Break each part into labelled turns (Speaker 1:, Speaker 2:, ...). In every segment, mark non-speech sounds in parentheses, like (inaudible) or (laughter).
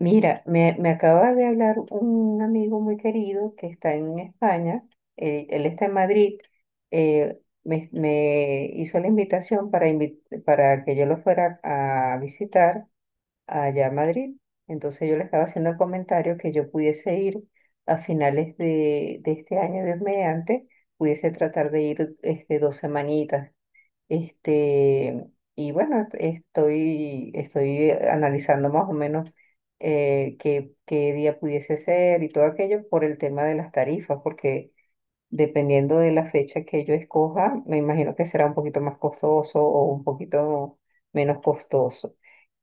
Speaker 1: Mira, me acaba de hablar un amigo muy querido que está en España, él está en Madrid. Me hizo la invitación para, para que yo lo fuera a visitar allá a Madrid. Entonces yo le estaba haciendo el comentario que yo pudiese ir a finales de este año, Dios mediante, pudiese tratar de ir este, dos semanitas este, y bueno, estoy analizando más o menos qué día pudiese ser y todo aquello por el tema de las tarifas, porque dependiendo de la fecha que yo escoja, me imagino que será un poquito más costoso o un poquito menos costoso.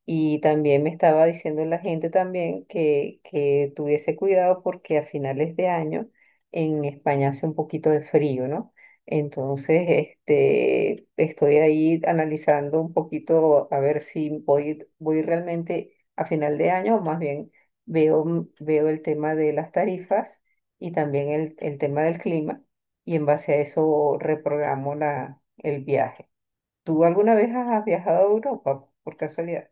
Speaker 1: Y también me estaba diciendo la gente también que tuviese cuidado porque a finales de año en España hace un poquito de frío, ¿no? Entonces, este, estoy ahí analizando un poquito a ver si voy realmente a final de año o más bien veo el tema de las tarifas y también el tema del clima y en base a eso reprogramo el viaje. ¿Tú alguna vez has viajado a Europa por casualidad?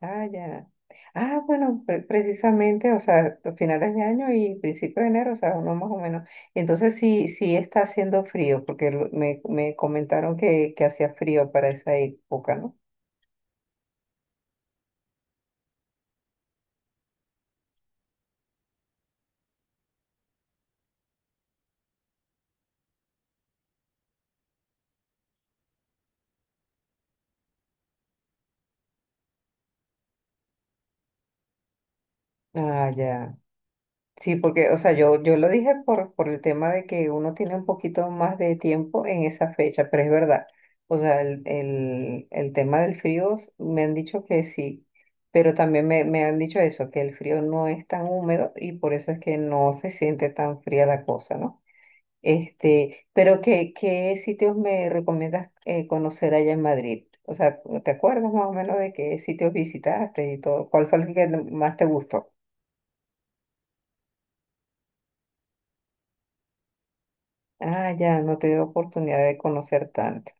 Speaker 1: Ah, ya. Ah, bueno, precisamente, o sea, a finales de año y principios de enero, o sea, uno más o menos. Entonces sí, sí está haciendo frío, porque me comentaron que hacía frío para esa época, ¿no? Ah, ya. Sí, porque, o sea, yo lo dije por el tema de que uno tiene un poquito más de tiempo en esa fecha, pero es verdad. O sea, el tema del frío me han dicho que sí, pero también me han dicho eso, que el frío no es tan húmedo y por eso es que no se siente tan fría la cosa, ¿no? Este, pero ¿qué, qué sitios me recomiendas conocer allá en Madrid? O sea, ¿te acuerdas más o menos de qué sitios visitaste y todo? ¿Cuál fue el que más te gustó? Ah, ya, no te dio oportunidad de conocer tanto.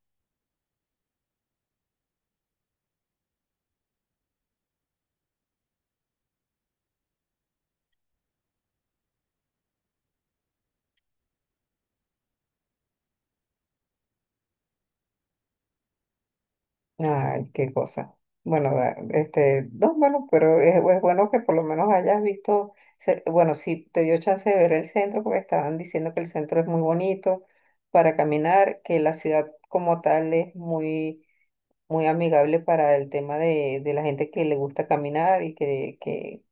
Speaker 1: Ay, qué cosa. Bueno, este, no, bueno, pero es bueno que por lo menos hayas visto, bueno, sí te dio chance de ver el centro, porque estaban diciendo que el centro es muy bonito para caminar, que la ciudad como tal es muy, muy amigable para el tema de la gente que le gusta caminar y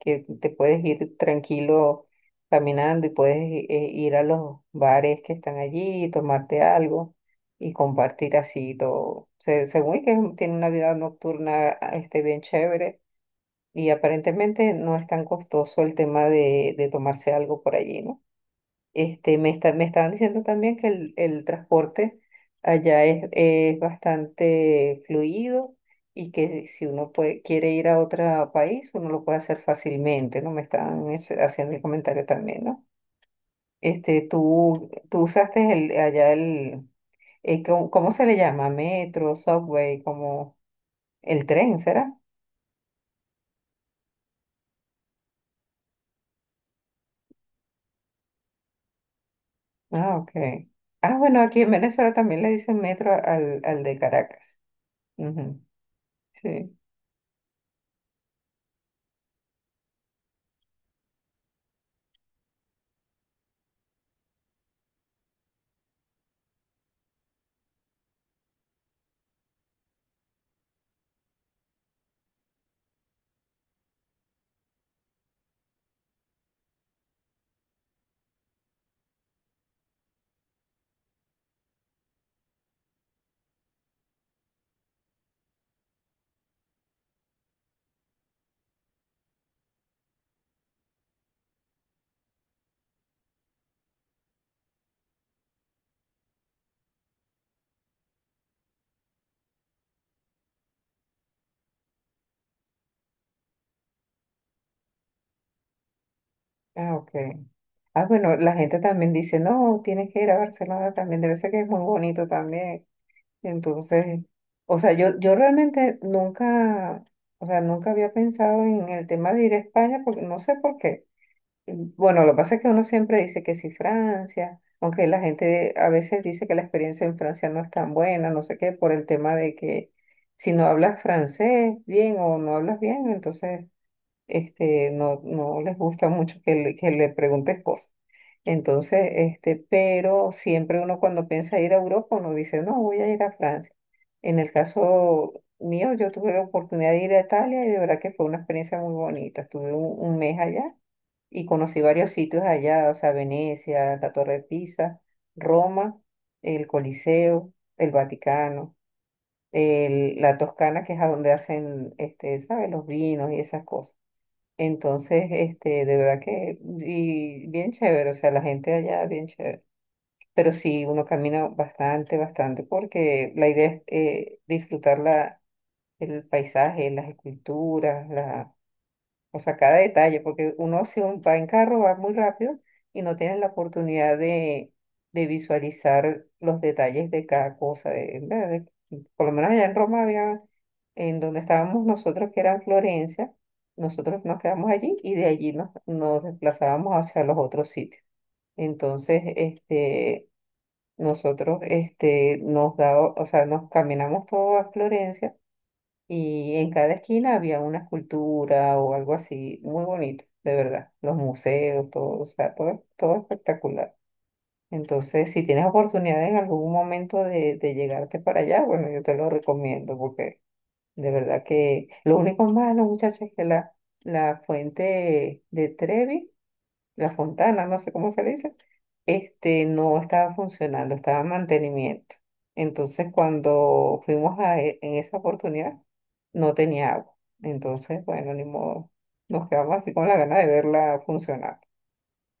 Speaker 1: que te puedes ir tranquilo caminando y ir a los bares que están allí y tomarte algo y compartir así todo. Se- según que es tiene una vida nocturna este, bien chévere y aparentemente no es tan costoso el tema de tomarse algo por allí, ¿no? Este, me estaban diciendo también que el transporte allá es bastante fluido y que si uno puede, quiere ir a otro país, uno lo puede hacer fácilmente, ¿no? Me estaban haciendo el comentario también, ¿no? Este, tú usaste allá el, ¿cómo se le llama? Metro, subway, como el tren, ¿será? Ah, ok. Ah, bueno, aquí en Venezuela también le dicen metro al de Caracas. Ujú. Sí. Ah, ok. Ah, bueno, la gente también dice, no, tienes que ir a Barcelona también, debe ser que es muy bonito también. Y entonces, o sea, yo realmente nunca, o sea, nunca había pensado en el tema de ir a España, porque no sé por qué. Y bueno, lo que pasa es que uno siempre dice que sí Francia, aunque la gente a veces dice que la experiencia en Francia no es tan buena, no sé qué, por el tema de que si no hablas francés bien o no hablas bien, entonces este, no les gusta mucho que le preguntes cosas. Entonces, este, pero siempre uno cuando piensa ir a Europa, uno dice, no, voy a ir a Francia. En el caso mío, yo tuve la oportunidad de ir a Italia y de verdad que fue una experiencia muy bonita. Estuve un mes allá y conocí varios sitios allá, o sea, Venecia, la Torre de Pisa, Roma, el Coliseo, el Vaticano, la Toscana, que es a donde hacen, este, ¿sabes? Los vinos y esas cosas. Entonces, este, de verdad que, y bien chévere, o sea, la gente allá, bien chévere. Pero sí, uno camina bastante, bastante, porque la idea es disfrutar el paisaje, las esculturas, o sea, cada detalle, porque uno si va en carro va muy rápido y no tienes la oportunidad de visualizar los detalles de cada cosa. Por lo menos allá en Roma había, en donde estábamos nosotros, que era en Florencia, nosotros nos quedamos allí y de allí nos desplazábamos hacia los otros sitios. Entonces, este, nosotros este, nos daba, o sea, nos caminamos todo a Florencia y en cada esquina había una escultura o algo así, muy bonito, de verdad. Los museos, todo, o sea, todo, todo espectacular. Entonces, si tienes oportunidad en algún momento de llegarte para allá, bueno, yo te lo recomiendo porque de verdad que lo único malo, muchachos, es que la fuente de Trevi, la fontana, no sé cómo se le dice, este, no estaba funcionando, estaba en mantenimiento. Entonces, cuando fuimos a, en esa oportunidad, no tenía agua. Entonces, bueno, ni modo, nos quedamos así con la gana de verla funcionar.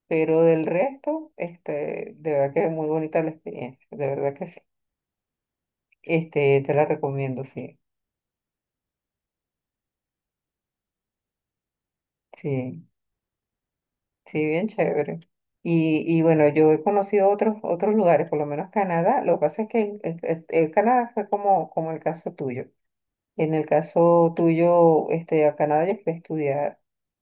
Speaker 1: Pero del resto, este, de verdad que es muy bonita la experiencia, de verdad que sí. Este, te la recomiendo, sí, sí. Sí, bien chévere. Y bueno, yo he conocido otros, otros lugares, por lo menos Canadá. Lo que pasa es que en Canadá fue como, como el caso tuyo. En el caso tuyo, este, a Canadá yo fui a estudiar,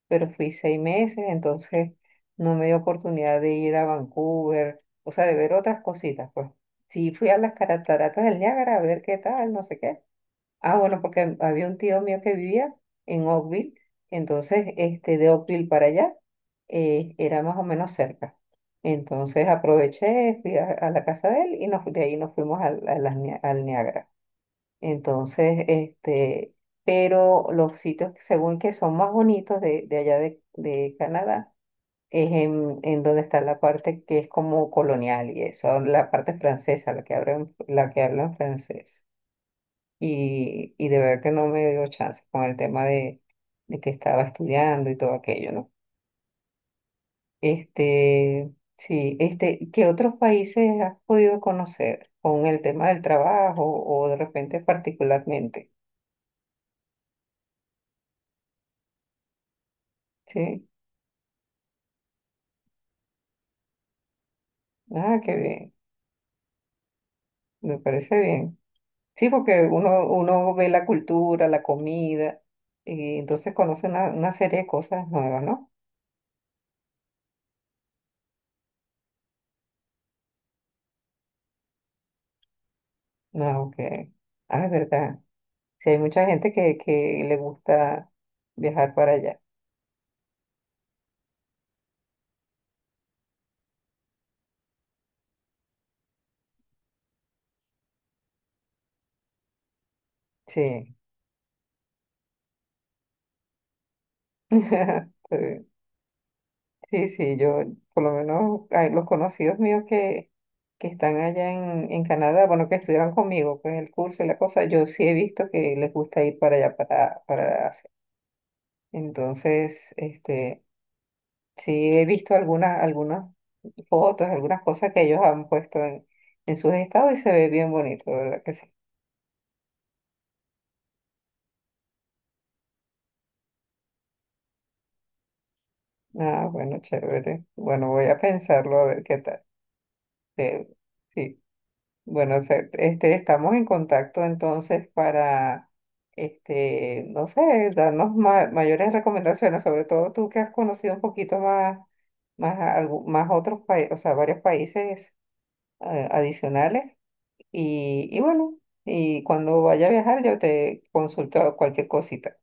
Speaker 1: pero fui 6 meses, entonces no me dio oportunidad de ir a Vancouver, o sea, de ver otras cositas, pues. Sí, fui a las cataratas del Niágara a ver qué tal, no sé qué. Ah, bueno, porque había un tío mío que vivía en Oakville, entonces este, de Oakville para allá era más o menos cerca. Entonces aproveché, fui a la casa de él y de ahí nos fuimos a las al Niágara. Entonces, este, pero los sitios que según que son más bonitos de allá de Canadá es en donde está la parte que es como colonial y eso, la parte francesa, la que hablan francés y de verdad que no me dio chance con el tema de que estaba estudiando y todo aquello, ¿no? Este, sí, este, ¿qué otros países has podido conocer con el tema del trabajo o de repente particularmente? Sí, ah, qué bien, me parece bien. Sí, porque uno, uno ve la cultura, la comida, y entonces conoce una serie de cosas nuevas, ¿no? No, que, ah, es verdad. Sí, hay mucha gente que le gusta viajar para allá. Sí, (laughs) sí, sí, yo por lo menos hay los conocidos míos que están allá en Canadá, bueno, que estudiaron conmigo, pues el curso y la cosa, yo sí he visto que les gusta ir para allá, para Asia. Entonces, este, sí he visto algunas, algunas fotos, algunas cosas que ellos han puesto en sus estados y se ve bien bonito, de ¿verdad que sí? Ah, bueno, chévere. Bueno, voy a pensarlo a ver qué tal. Eh, sí. Bueno, este, estamos en contacto entonces para, este, no sé, darnos mayores recomendaciones, sobre todo tú que has conocido un poquito más, más, más otros países, o sea, varios países adicionales. Y bueno, y cuando vaya a viajar yo te consulto cualquier cosita.